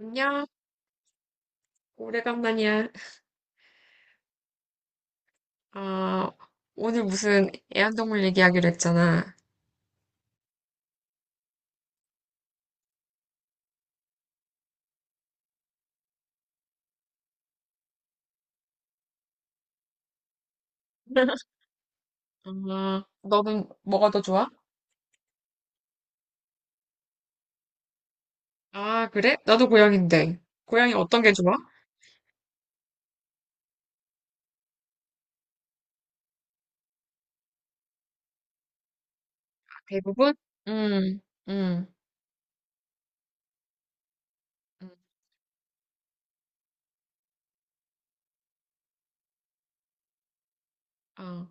안녕, 오래간만이야. 아, 오늘 무슨 애완동물 얘기하기로 했잖아. 아, 너는 뭐가 더 좋아? 아, 그래? 나도 고양인데. 고양이 어떤 게 좋아? 대부분? 음, 음, 음, 어,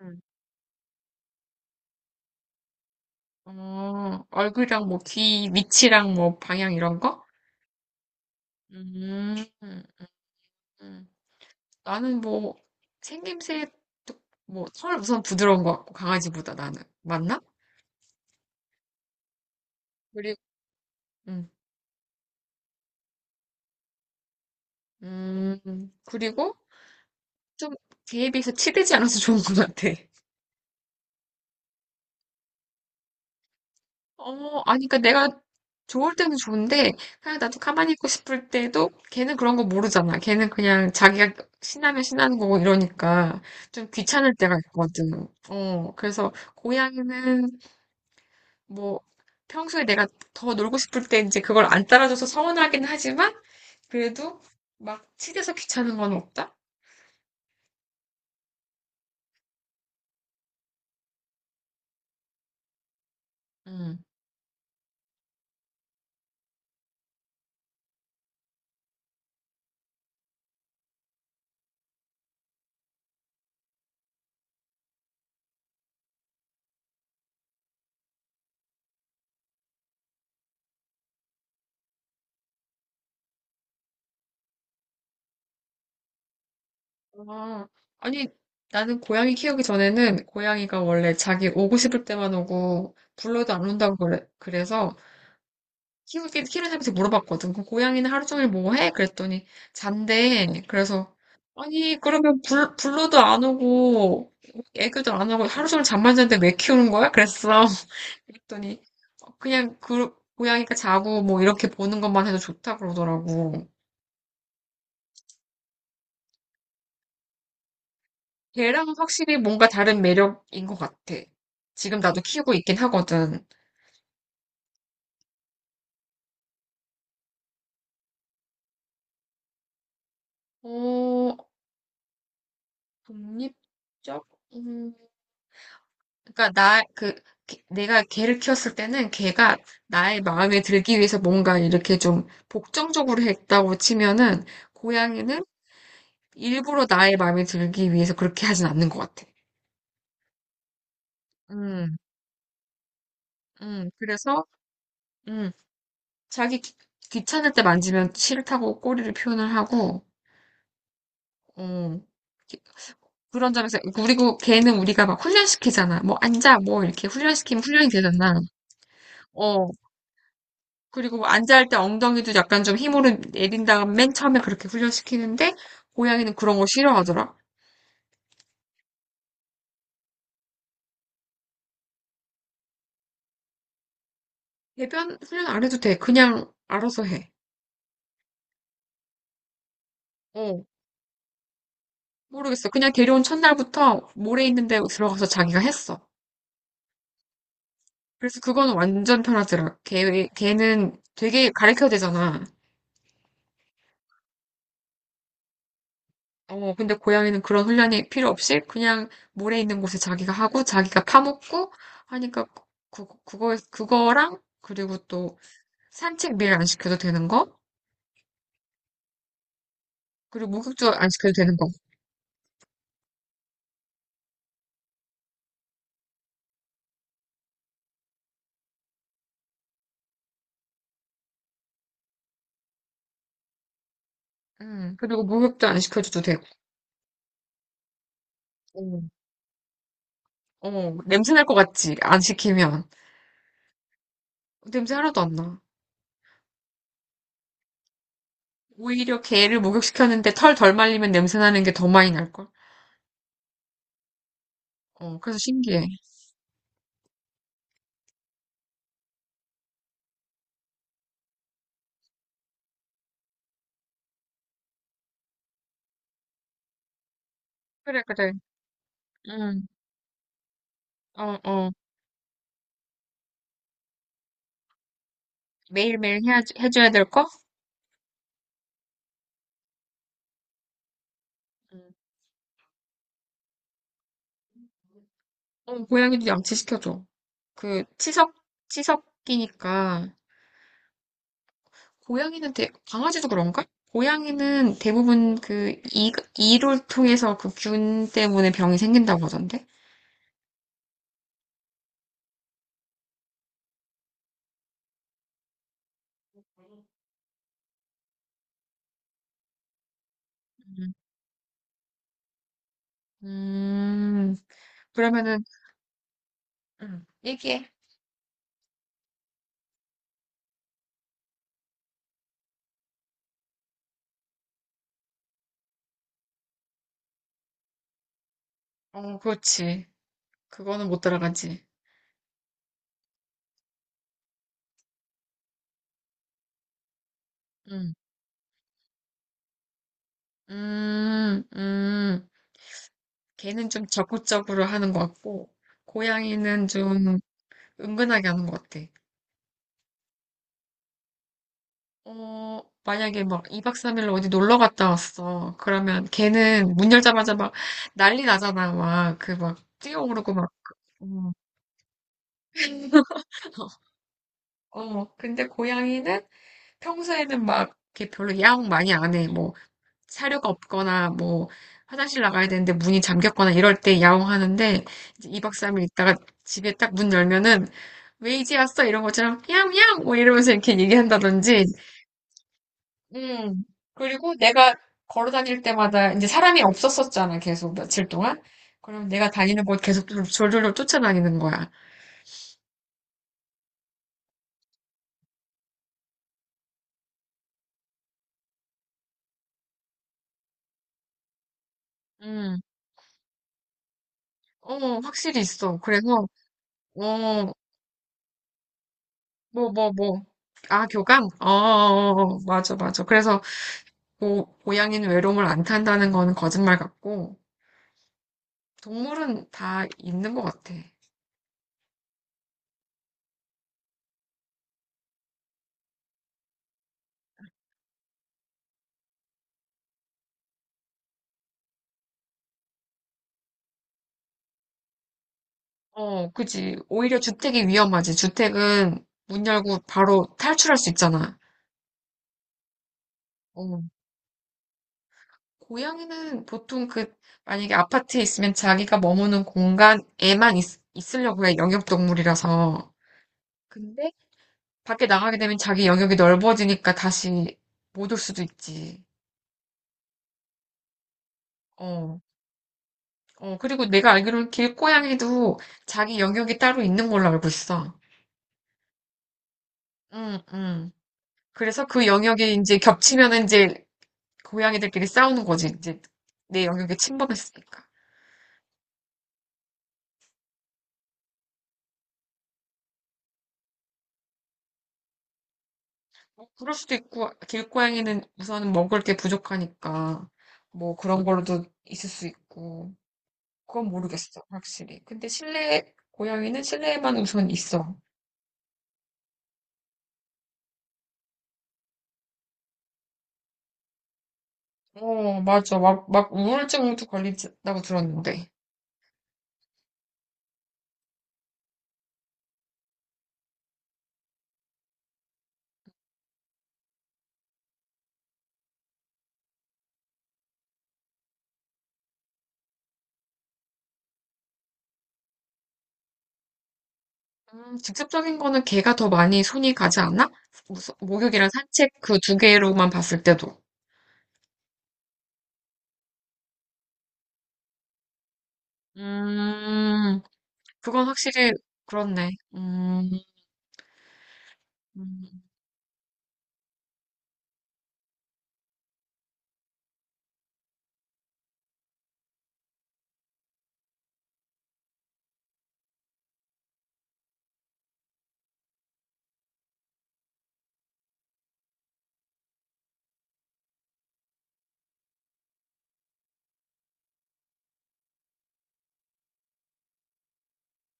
음. 어, 얼굴이랑 뭐 귀 위치랑 뭐 방향 이런 거? 음, 음, 음. 나는 뭐 생김새, 뭐털 우선 부드러운 것 같고 강아지보다 나는. 맞나? 그리고, 음, 그리고 좀 걔에 비해서 치대지 않아서 좋은 것 같아. 어, 아니, 그니까 내가 좋을 때는 좋은데, 그냥 나도 가만히 있고 싶을 때도 걔는 그런 거 모르잖아. 걔는 그냥 자기가 신나면 신나는 거고 이러니까 좀 귀찮을 때가 있거든. 어, 그래서 고양이는 뭐 평소에 내가 더 놀고 싶을 때 이제 그걸 안 따라줘서 서운하긴 하지만 그래도 막 치대서 귀찮은 건 없다? 음. 아, 아니, 나는 고양이 키우기 전에는 고양이가 원래 자기 오고 싶을 때만 오고 불러도 안 온다고 그래, 그래서 키우는 사람한테 물어봤거든. 그럼 고양이는 하루 종일 뭐 해? 그랬더니 잔대. 그래서 아니, 그러면 불러도 안 오고 애교도 안 하고 하루 종일 잠만 자는데 왜 키우는 거야? 그랬어. 그랬더니 그냥 그 고양이가 자고 뭐 이렇게 보는 것만 해도 좋다 그러더라고. 걔랑 확실히 뭔가 다른 매력인 것 같아. 지금 나도 키우고 있긴 하거든. 어, 독립적? 음, 그러니까 내가 걔를 키웠을 때는 걔가 나의 마음에 들기 위해서 뭔가 이렇게 좀 복정적으로 했다고 치면은 고양이는 일부러 나의 마음에 들기 위해서 그렇게 하진 않는 것 같아. 음, 그래서, 음, 자기 귀찮을 때 만지면 싫다고 꼬리를 표현을 하고, 어, 그런 점에서 그리고 걔는 우리가 막 훈련시키잖아. 뭐 앉아 뭐 이렇게 훈련시키면 훈련이 되잖아. 어. 그리고 뭐 앉아 할 때 엉덩이도 약간 좀 힘으로 내린 다음 맨 처음에 그렇게 훈련시키는데 고양이는 그런 거 싫어하더라. 배변 훈련 안 해도 돼. 그냥 알아서 해. 어. 모르겠어. 그냥 데려온 첫날부터 모래 있는 데 들어가서 자기가 했어. 그래서 그거는 완전 편하더라. 걔 걔는 되게 가르쳐야 되잖아. 어, 근데 고양이는 그런 훈련이 필요 없이 그냥 모래 있는 곳에 자기가 하고 자기가 파먹고 하니까 그거랑 그리고 또 산책 매일 안 시켜도 되는 거? 그리고 목욕도 안 시켜도 되는 거. 그리고 목욕도 안 시켜줘도 되고. 음. 어, 냄새 날 것 같지? 안 시키면. 냄새 하나도 안 나. 오히려 개를 목욕시켰는데 털 덜 말리면 냄새 나는 게 더 많이 날걸? 어, 그래서 신기해. 그래, 그래. 음, 어, 어. 매일매일 해줘야 될 거? 어, 고양이도 양치시켜줘. 그, 치석, 치석이니까. 고양이는 대, 강아지도 그런가? 고양이는 대부분 그, 이, 이를 통해서 그 균 때문에 병이 생긴다고 하던데? 음, 음, 그러면은, 얘기해. 어, 그렇지. 그거는 못 따라가지. 음, 음, 음. 걔는 좀 적극적으로 하는 것 같고, 고양이는 좀 은근하게 하는 것 같아. 어, 만약에 막 2박 3일로 어디 놀러 갔다 왔어. 그러면 걔는 문 열자마자 막 난리 나잖아. 막 그 막 뛰어오르고 막. 음. 어, 근데 고양이는 평소에는 막 이렇게 별로 야옹 많이 안 해. 뭐 사료가 없거나 뭐 화장실 나가야 되는데 문이 잠겼거나 이럴 때 야옹 하는데 이제 2박 3일 있다가 집에 딱 문 열면은 왜 이제 왔어? 이런 것처럼 야옹 야옹 뭐 이러면서 이렇게 얘기한다든지 음. 그리고 내가 걸어 다닐 때마다 이제 사람이 없었었잖아, 계속 며칠 동안. 그럼 내가 다니는 곳 계속 졸졸졸 쫓아다니는 거야. 음. 어, 확실히 있어. 그래서, 어, 뭐, 뭐, 뭐. 아, 교감? 어, 어, 어, 어. 맞아, 맞아. 그래서, 고양이는 외로움을 안 탄다는 거는 거짓말 같고, 동물은 다 있는 것 같아. 어, 그지. 오히려 주택이 위험하지. 주택은 문 열고 바로 탈출할 수 있잖아. 어, 고양이는 보통 그, 만약에 아파트에 있으면 자기가 머무는 공간에만 있으려고 해, 영역동물이라서. 근데 밖에 나가게 되면 자기 영역이 넓어지니까 다시 못 올 수도 있지. 어, 어, 그리고 내가 알기로는 길고양이도 자기 영역이 따로 있는 걸로 알고 있어. 응, 응. 그래서 그 영역이 이제 겹치면 이제 고양이들끼리 싸우는 거지. 이제 내 영역에 침범했으니까. 뭐 그럴 수도 있고, 길고양이는 우선 먹을 게 부족하니까, 뭐 그런 걸로도 있을 수 있고, 그건 모르겠어, 확실히. 근데 실내, 고양이는 실내에만 우선 있어. 어, 맞아. 막, 막 우울증도 걸린다고 들었는데. 직접적인 거는 개가 더 많이 손이 가지 않나? 목욕이랑 산책 그 두 개로만 봤을 때도. 음, 그건 확실히 그렇네. 음, 음,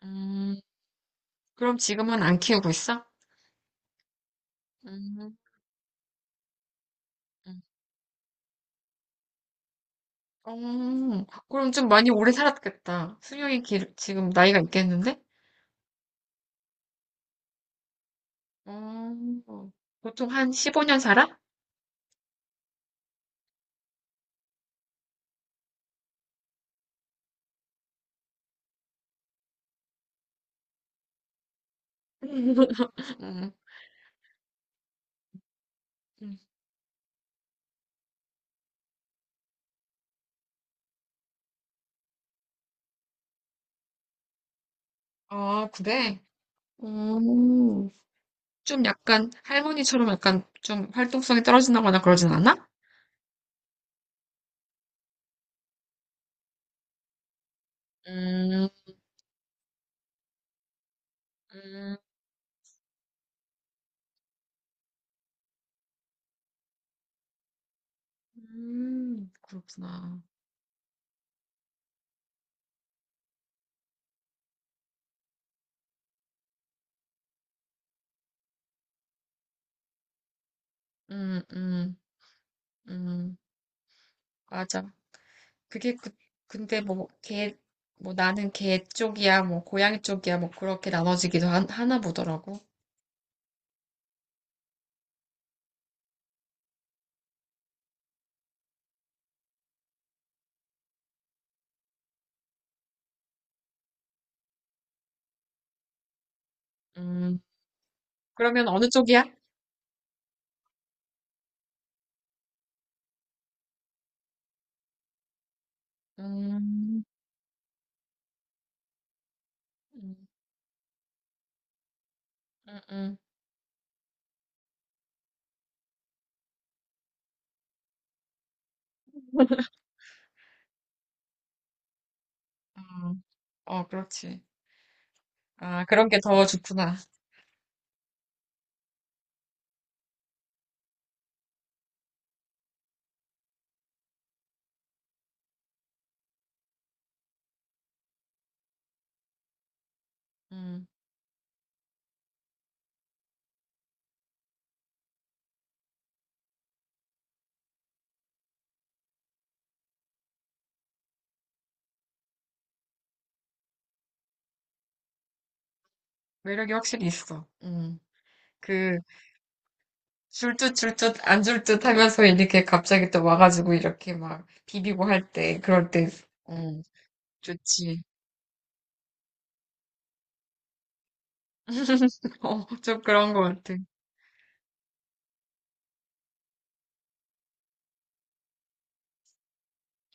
음. 그럼 지금은 안 키우고 있어? 음. 음. 어, 그럼 좀 많이 오래 살았겠다. 수명이 길, 지금 나이가 있겠는데? 어, 보통 한 15년 살아? 음, 음. 아, 그래? 음, 좀 약간 할머니처럼 약간 좀 활동성이 떨어진다거나 그러진 않아? 음, 음, 그렇구나. 음, 음, 음, 맞아. 그게 그, 근데 뭐, 개, 뭐 나는 개 쪽이야, 뭐 고양이 쪽이야, 뭐 그렇게 나눠지기도 하나 보더라고. 음, 그러면 어느 쪽이야? 음, 음, 음, 음, 음. 어, 그렇지. 아, 그런 게 더 좋구나. 음, 매력이 확실히 있어. 그, 줄듯 줄듯 안 줄듯 하면서 이렇게 갑자기 또 와가지고 이렇게 막 비비고 할 때, 그럴 때, 음, 좋지. 어, 좀 그런 것 같아.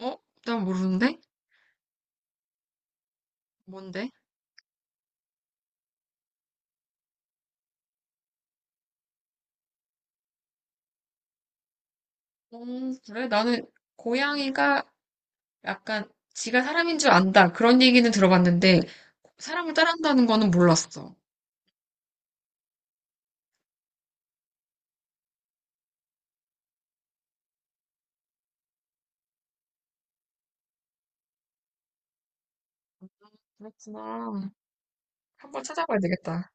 어? 난 모르는데? 뭔데? 그래? 나는 고양이가 약간 지가 사람인 줄 안다. 그런 얘기는 들어봤는데 사람을 따라한다는 거는 몰랐어. 그렇구나. 한번 찾아봐야 되겠다.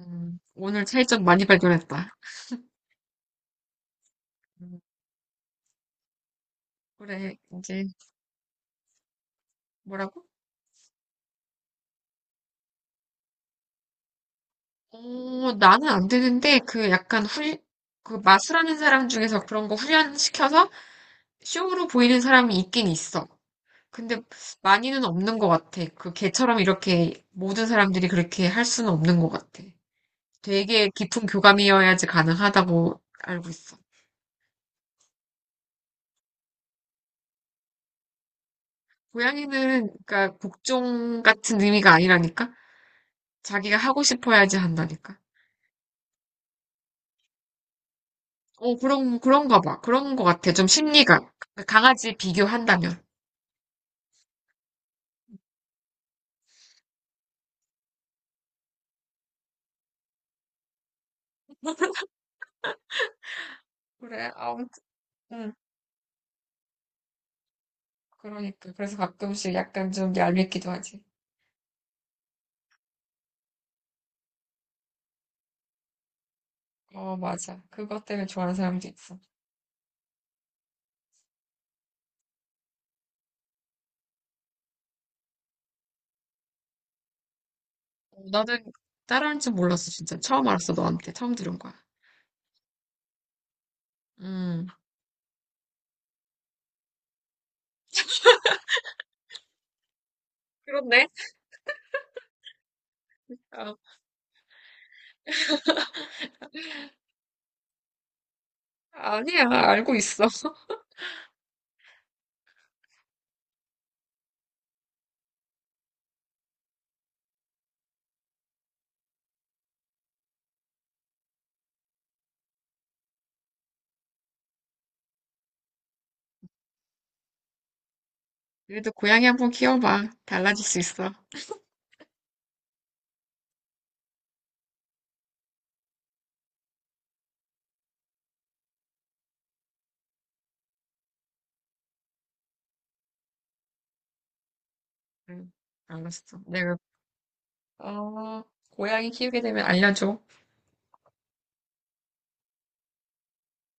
오늘 차이점 많이 발견했다. 음, 그래, 이제 뭐라고? 어, 나는 안 되는데 그 약간 그 마술하는 사람 중에서 그런 거 훈련시켜서 쇼로 보이는 사람이 있긴 있어. 근데 많이는 없는 것 같아. 그 걔처럼 이렇게 모든 사람들이 그렇게 할 수는 없는 것 같아. 되게 깊은 교감이어야지 가능하다고 알고 있어. 고양이는, 그러니까 복종 같은 의미가 아니라니까? 자기가 하고 싶어야지 한다니까? 어, 그런, 그런가 봐. 그런 거 같아. 좀 심리가. 강아지 비교한다면. 그래, 아무튼, 응. 그러니까. 그래서 가끔씩 약간 좀 얄밉기도 하지. 어, 맞아. 그것 때문에 좋아하는 사람도 있어. 어, 나는 따라하는 줄 몰랐어, 진짜. 처음 알았어, 너한테. 처음 들은 거야. 음. 그렇네. 어, 아니야, 알고 있어. 그래도 고양이 한번 키워봐. 달라질 수 있어. 응, 알았어. 내가, 어, 고양이 키우게 되면 알려줘.